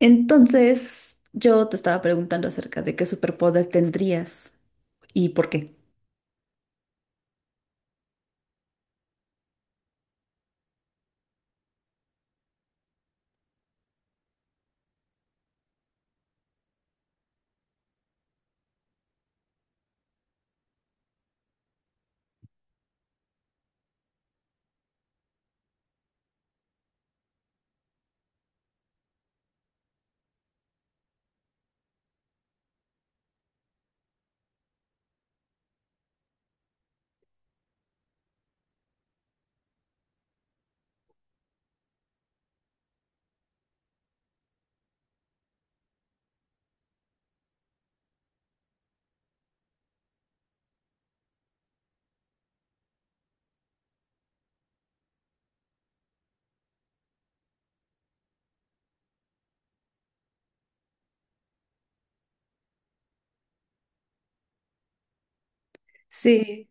Entonces, yo te estaba preguntando acerca de qué superpoder tendrías y por qué. Sí,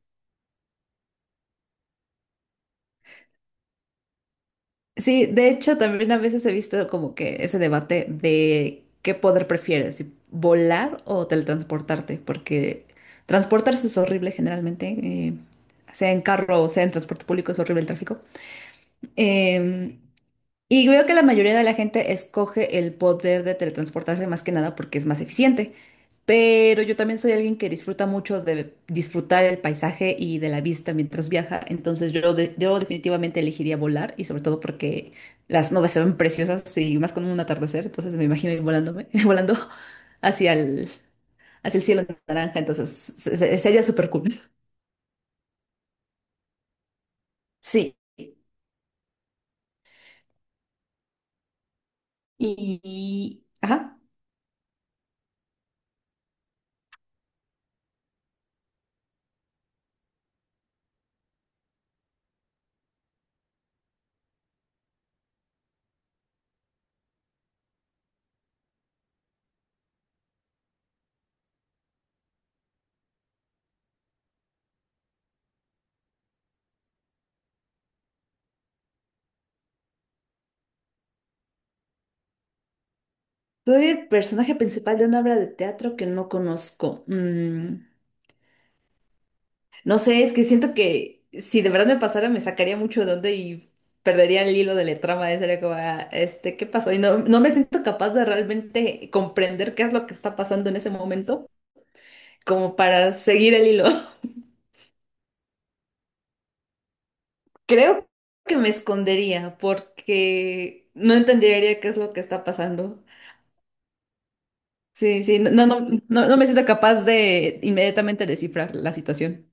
sí, de hecho también a veces he visto como que ese debate de qué poder prefieres, si volar o teletransportarte, porque transportarse es horrible generalmente, eh, sea en carro o sea en transporte público es horrible el tráfico. Em, Y veo que la mayoría de la gente escoge el poder de teletransportarse más que nada porque es más eficiente. Pero yo también soy alguien que disfruta mucho de disfrutar el paisaje y de la vista mientras viaja. Entonces yo definitivamente elegiría volar, y sobre todo porque las nubes se ven preciosas y más con un atardecer. Entonces me imagino ir volándome, volando hacia el, hacia el cielo naranja. Entonces sería súper cool. Sí. Y... Ajá. Soy el personaje principal de una obra de teatro que no conozco. Mm, no sé, es que siento que si de verdad me pasara me sacaría mucho de onda y perdería el hilo de la trama. Sería como, ah, este, ¿qué pasó? Y no me siento capaz de realmente comprender qué es lo que está pasando en ese momento, como para seguir el hilo. Creo que me escondería porque no entendería qué es lo que está pasando. Sí, sí, no, no, no, no me siento capaz de inmediatamente descifrar la situación.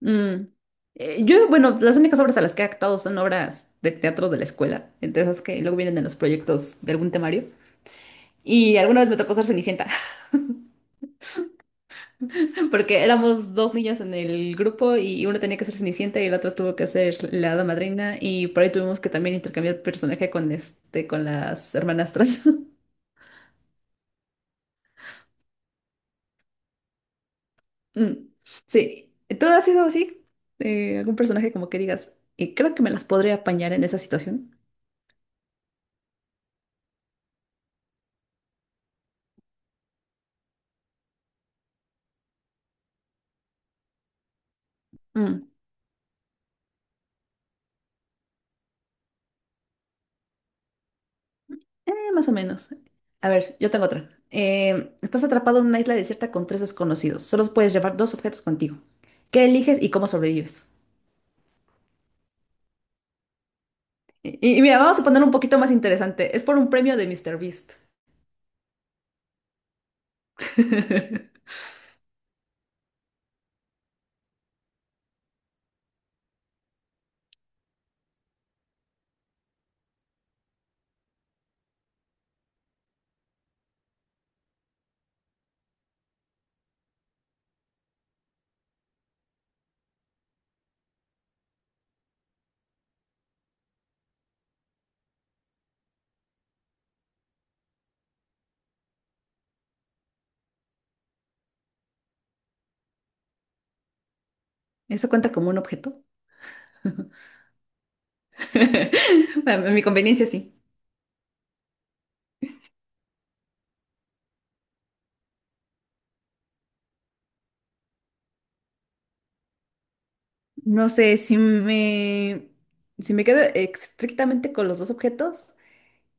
Mm. Yo, bueno, las únicas obras a las que he actuado son obras de teatro de la escuela, entre esas que luego vienen en los proyectos de algún temario. Y alguna vez me tocó ser Cenicienta, porque éramos dos niñas en el grupo y una tenía que ser Cenicienta y la otra tuvo que ser la hada madrina y por ahí tuvimos que también intercambiar personaje con este, con las hermanastras. Mm. Sí, ¿tú has sido así? ¿Algún personaje como que digas, creo que me las podré apañar en esa situación? Mm. Más o menos. A ver, yo tengo otra. Estás atrapado en una isla desierta con tres desconocidos. Solo puedes llevar dos objetos contigo. ¿Qué eliges y cómo sobrevives? Y mira, vamos a poner un poquito más interesante. Es por un premio de Mister Beast. ¿Eso cuenta como un objeto? A mi conveniencia, sí. No sé, si me quedo estrictamente con los dos objetos,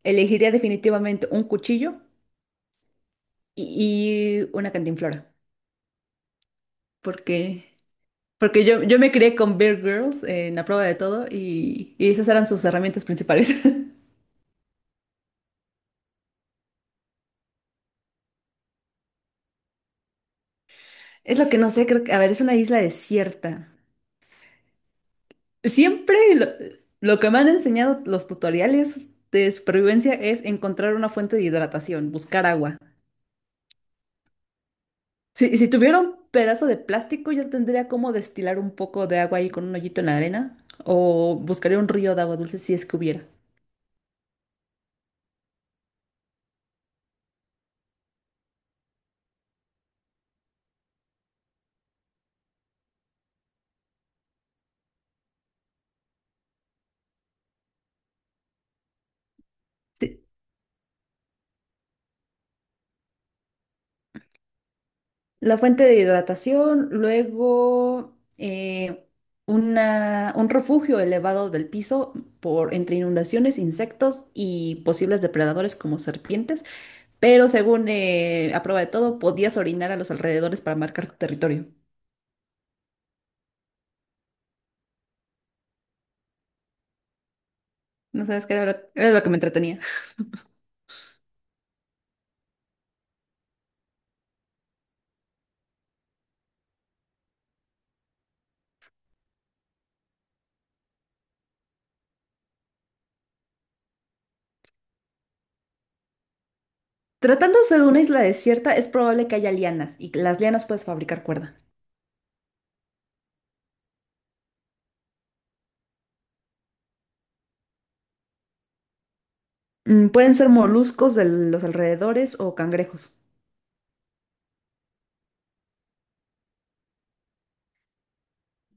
elegiría definitivamente un cuchillo y, una cantinflora. Porque Porque yo me crié con Bear Girls, en la prueba de todo, y esas eran sus herramientas principales. Es lo que no sé, creo que, a ver, es una isla desierta. Siempre lo, lo que me han enseñado los tutoriales de supervivencia es encontrar una fuente de hidratación, buscar agua. Si tuviera un pedazo de plástico, yo tendría como destilar un poco de agua ahí con un hoyito en la arena, o buscaría un río de agua dulce si es que hubiera. La fuente de hidratación, luego un refugio elevado del piso por, entre inundaciones, insectos y posibles depredadores como serpientes, pero según a prueba de todo, podías orinar a los alrededores para marcar tu territorio. No sabes qué era lo que me entretenía. Tratándose de una isla desierta, es probable que haya lianas, y las lianas puedes fabricar cuerda. Mm, pueden ser moluscos de los alrededores o cangrejos.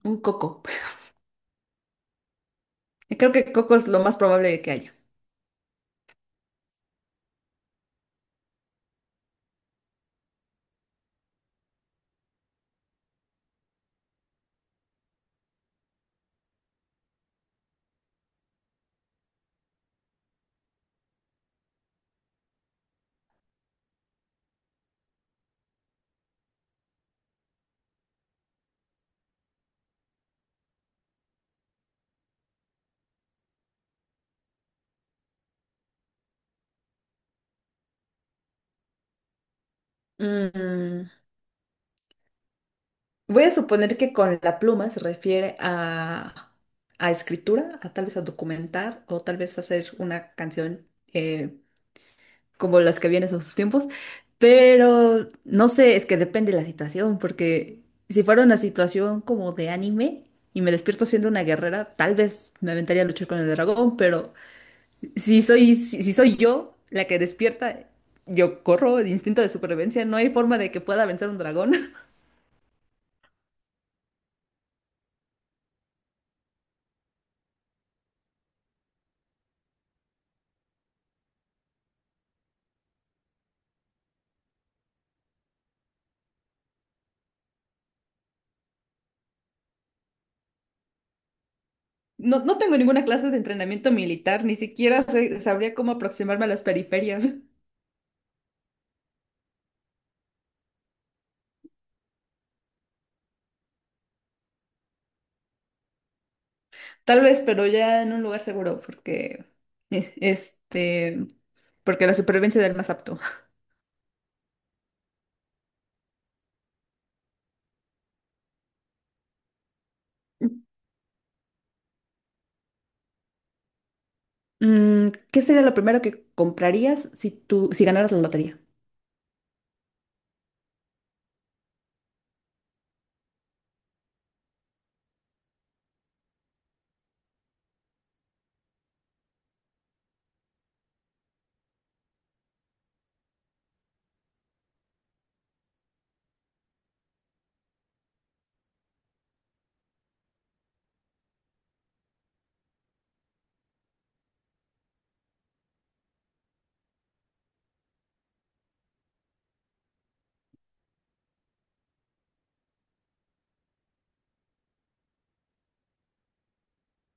Un coco. Creo que coco es lo más probable que haya. Mm, voy a suponer que con la pluma se refiere a escritura, a tal vez a documentar o tal vez hacer una canción, eh, como las que vienen en sus tiempos, pero no sé, es que depende de la situación, porque si fuera una situación como de anime y me despierto siendo una guerrera, tal vez me aventaría a luchar con el dragón, pero si soy yo la que despierta, yo corro de instinto de supervivencia, no hay forma de que pueda vencer un dragón. No, no tengo ninguna clase de entrenamiento militar, ni siquiera sabría cómo aproximarme a las periferias. Tal vez, pero ya en un lugar seguro, porque eh, este, porque la supervivencia del más apto. Mm, ¿qué sería lo primero que comprarías si ganaras la lotería?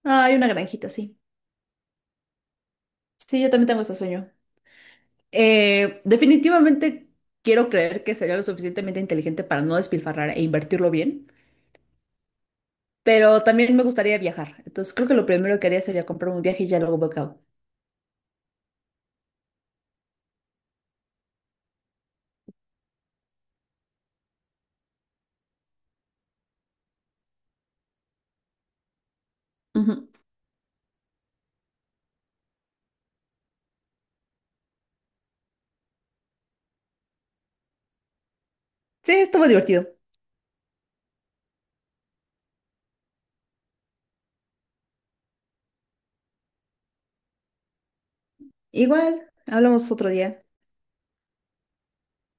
Ah, hay una granjita, sí. Sí, yo también tengo ese sueño. Definitivamente quiero creer que sería lo suficientemente inteligente para no despilfarrar e invertirlo bien, pero también me gustaría viajar. Entonces creo que lo primero que haría sería comprar un viaje y ya luego veo. Ujú. Sí, estuvo divertido. Igual, hablamos otro día.